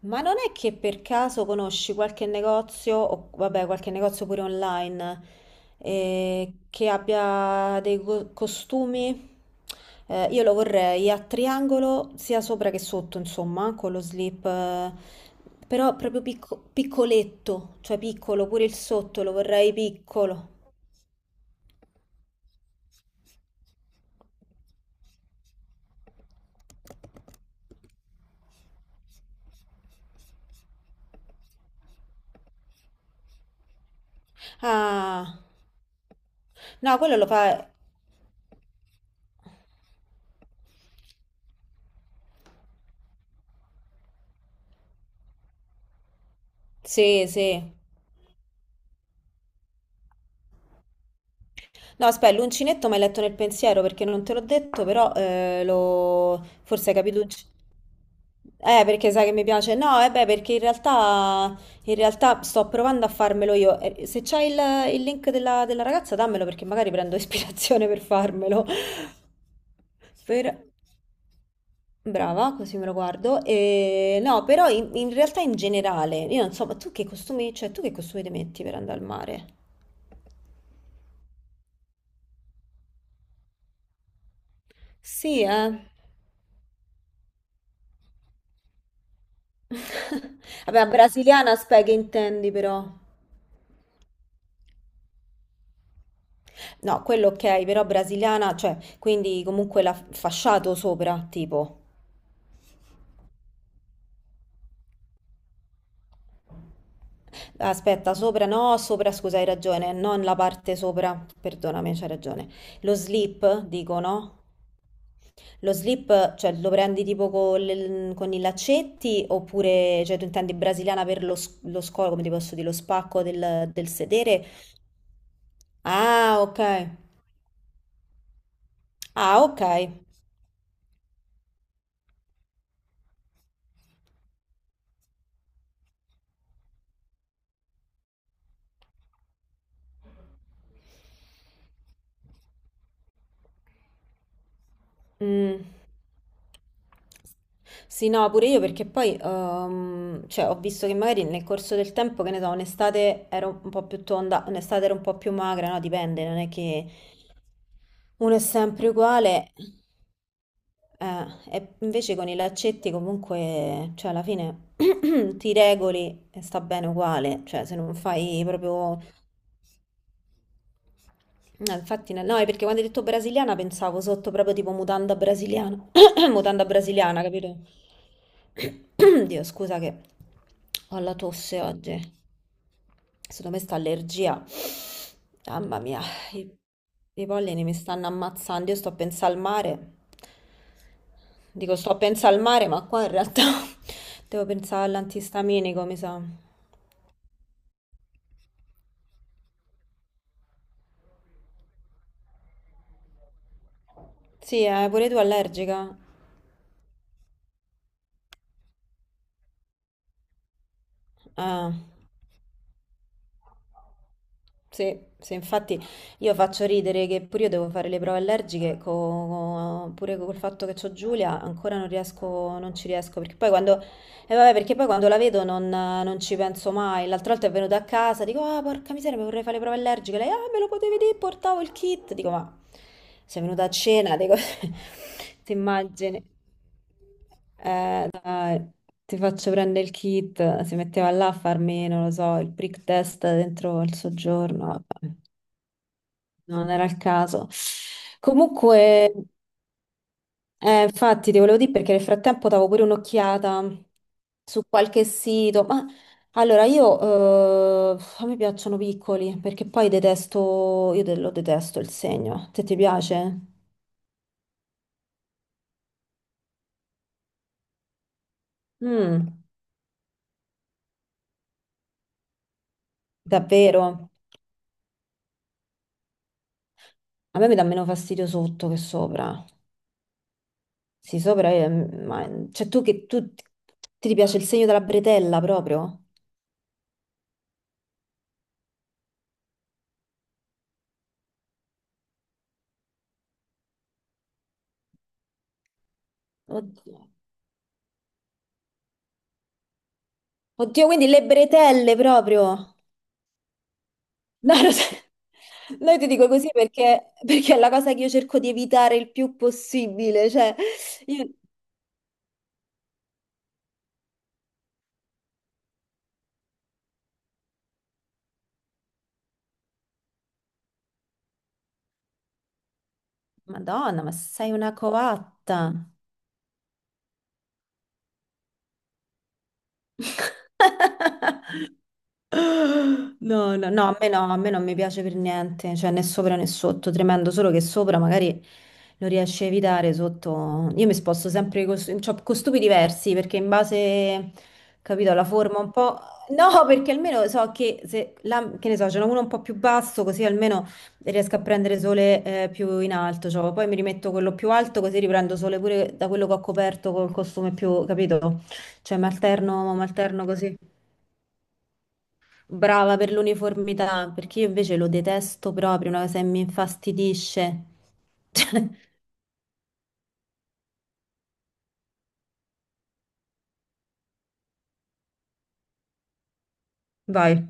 Ma non è che per caso conosci qualche negozio, o vabbè, qualche negozio pure online, che abbia dei costumi? Io lo vorrei a triangolo, sia sopra che sotto, insomma, con lo slip, però proprio piccoletto, cioè piccolo, pure il sotto lo vorrei piccolo. Ah, no, quello lo fa... Sì, sì. No, aspetta, l'uncinetto mi hai letto nel pensiero perché non te l'ho detto, però lo... forse hai capito... perché sai che mi piace? No, eh beh, perché in realtà sto provando a farmelo io. Se c'hai il link della ragazza, dammelo perché magari prendo ispirazione per farmelo. Per- Brava, così me lo guardo. E... No, però in realtà in generale, io non so, ma tu che costumi, cioè tu che costumi ti metti per andare al mare? Sì, eh. Vabbè, brasiliana spec intendi però. No, quello ok, però brasiliana, cioè, quindi comunque la fasciato sopra, tipo. Aspetta, sopra no, sopra scusa, hai ragione, non la parte sopra, perdonami, c'hai ragione. Lo slip, dico, no? Lo slip, cioè, lo prendi tipo con, con i laccetti oppure, cioè, tu intendi brasiliana per lo scolo, come ti posso dire, lo spacco del sedere? Ah, ok. Ah, ok. Mm. Sì, no, pure io perché poi cioè, ho visto che magari nel corso del tempo, che ne so, un'estate ero un po' più tonda, un'estate ero un po' più magra, no? Dipende, non è che uno è sempre uguale. Eh, e invece con i laccetti comunque, cioè alla fine ti regoli e sta bene uguale, cioè se non fai proprio No, infatti, no, no, è perché quando hai detto brasiliana pensavo sotto proprio tipo mutanda brasiliana. Mutanda brasiliana, capito? Dio, scusa che ho la tosse oggi. Secondo me sta allergia. Mamma mia, i, i pollini mi stanno ammazzando. Io sto a pensare al mare. Dico, sto a pensare al mare, ma qua in realtà devo pensare all'antistaminico, mi sa. Sì, pure tu allergica? Ah. Sì, sì, infatti io faccio ridere che pure io devo fare le prove allergiche, pure col fatto che c'ho Giulia ancora non riesco, non ci riesco, perché poi quando, vabbè, perché poi quando la vedo non ci penso mai, l'altra volta è venuta a casa, dico, ah, porca miseria, mi vorrei fare le prove allergiche, lei, ah, me lo potevi dire, portavo il kit, dico, ma sei venuta a cena, dico, ti immagini. Ti faccio prendere il kit, si metteva là a farmi, non lo so, il prick test dentro il soggiorno. Vabbè. Non era il caso. Comunque, infatti, ti volevo dire perché nel frattempo davo pure un'occhiata su qualche sito. Ma allora, io a me piacciono piccoli perché poi detesto, io lo detesto il segno. Te ti piace? Mm, davvero? A me mi dà meno fastidio sotto che sopra. Sì, sopra è, ma, cioè tu che tu ti piace il segno della bretella proprio? Oddio, oddio, quindi le bretelle proprio. No, lo so. No, io ti dico così perché è la cosa che io cerco di evitare il più possibile. Cioè, io- Madonna, ma sei una coatta. No, no, no, a me no, a me non mi piace per niente, cioè né sopra né sotto, tremendo, solo che sopra magari lo riesci a evitare, sotto... Io mi sposto sempre con, cioè, con stupidi diversi, perché in base, capito, alla forma un po'... No, perché almeno so che se, che ne so, ce n'è uno un po' più basso, così almeno riesco a prendere sole più in alto, cioè, poi mi rimetto quello più alto, così riprendo sole pure da quello che ho coperto col costume più, capito? Cioè, mi alterno così. Brava per l'uniformità, perché io invece lo detesto proprio, una cosa che mi infastidisce. Cioè, Vai.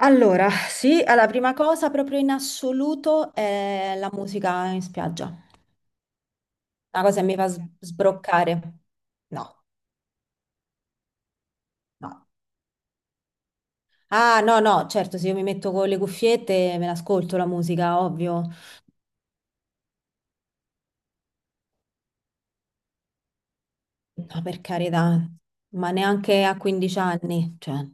Allora, sì, la prima cosa proprio in assoluto è la musica in spiaggia. Una cosa che mi fa sbroccare. No, no. Ah, no, no, certo, se io mi metto con le cuffiette me l'ascolto la musica, ovvio. No, per carità, ma neanche a 15 anni, cioè,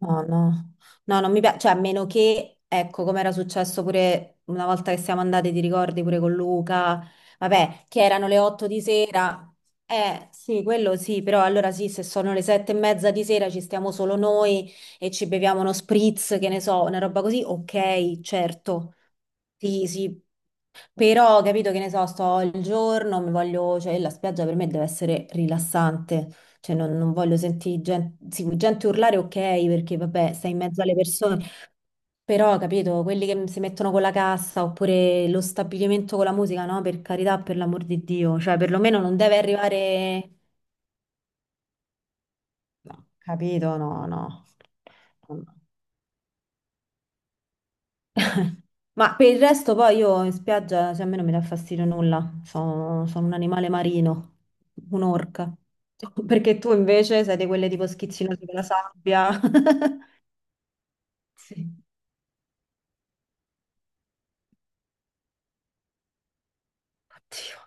no, no, no, non mi piace, cioè, a meno che, ecco, come era successo pure una volta che siamo andati, ti ricordi, pure con Luca, vabbè, che erano le 8 di sera, sì, quello sì, però allora sì, se sono le 7 e mezza di sera ci stiamo solo noi e ci beviamo uno spritz, che ne so, una roba così, ok, certo, sì, sì, però, capito che ne so, sto il giorno, mi voglio, cioè la spiaggia per me deve essere rilassante, cioè non voglio sentire gente, sì, gente urlare, ok, perché vabbè, stai in mezzo alle persone, però, capito, quelli che si mettono con la cassa oppure lo stabilimento con la musica, no, per carità, per l'amor di Dio, cioè perlomeno non deve arrivare... No, capito, no, no. Ma per il resto poi io in spiaggia, cioè a me non mi dà fastidio nulla, sono un animale marino, un'orca. Perché tu invece sei di quelle tipo schizzinose con la sabbia. Sì. Oddio.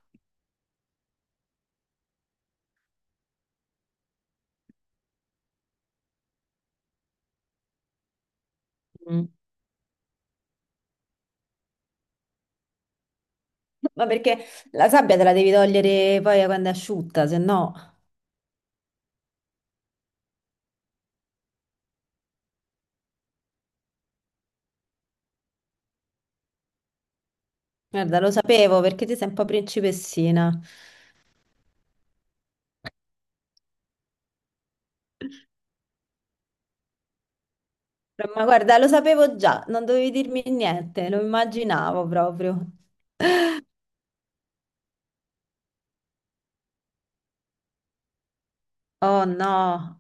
Mm. Ma perché la sabbia te la devi togliere poi quando è asciutta, se no... Guarda, lo sapevo perché ti sei un po' principessina. Ma guarda, lo sapevo già, non dovevi dirmi niente, lo immaginavo proprio. Oh no.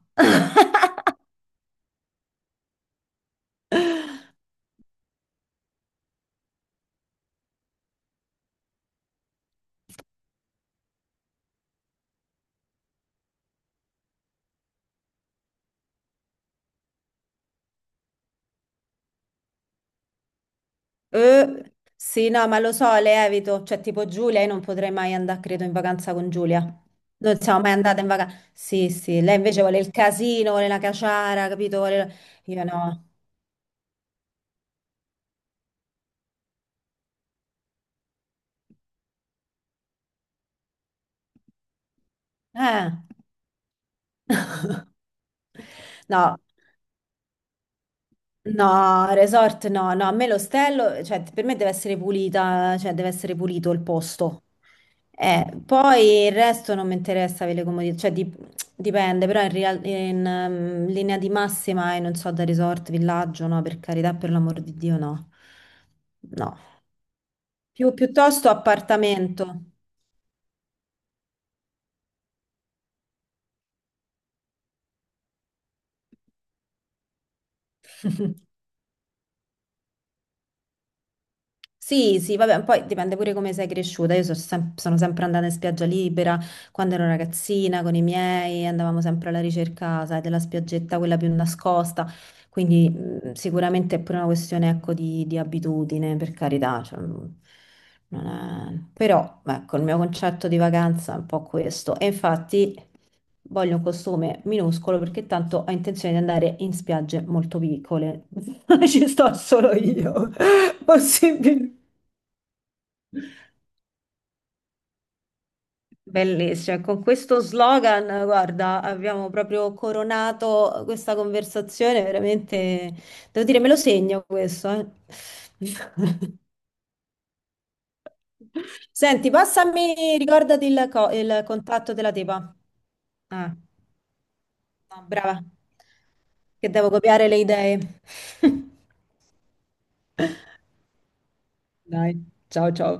Sì, no, ma lo so, le evito. Cioè, tipo Giulia, io non potrei mai andare, credo, in vacanza con Giulia. Non siamo mai andate in vacanza. Sì, sì, lei invece vuole il casino, vuole la caciara, capito? Io no. Eh, no. No, resort no, no, a me l'ostello, cioè per me deve essere pulita, cioè deve essere pulito il posto. Poi il resto non mi interessa avere le comodità, cioè dipende, però in linea di massima, e non so, da resort, villaggio, no, per carità, per l'amor di Dio, no. No. Più, piuttosto appartamento. Sì, sì, vabbè, poi dipende pure come sei cresciuta. Io sono sempre andata in spiaggia libera quando ero ragazzina con i miei, andavamo sempre alla ricerca, sai, della spiaggetta, quella più nascosta. Quindi sicuramente è pure una questione, ecco, di abitudine, per carità. Cioè, non- non è- Però, ecco, il mio concetto di vacanza è un po' questo. E infatti voglio un costume minuscolo perché tanto ho intenzione di andare in spiagge molto piccole. Ci sto solo io. Possibilmente. Bellissimo, e con questo slogan, guarda, abbiamo proprio coronato questa conversazione, veramente, devo dire, me lo segno questo, eh. Senti, passami, ricordati il contatto della tipa. Ah, no, brava, che devo copiare le idee. Dai, ciao ciao.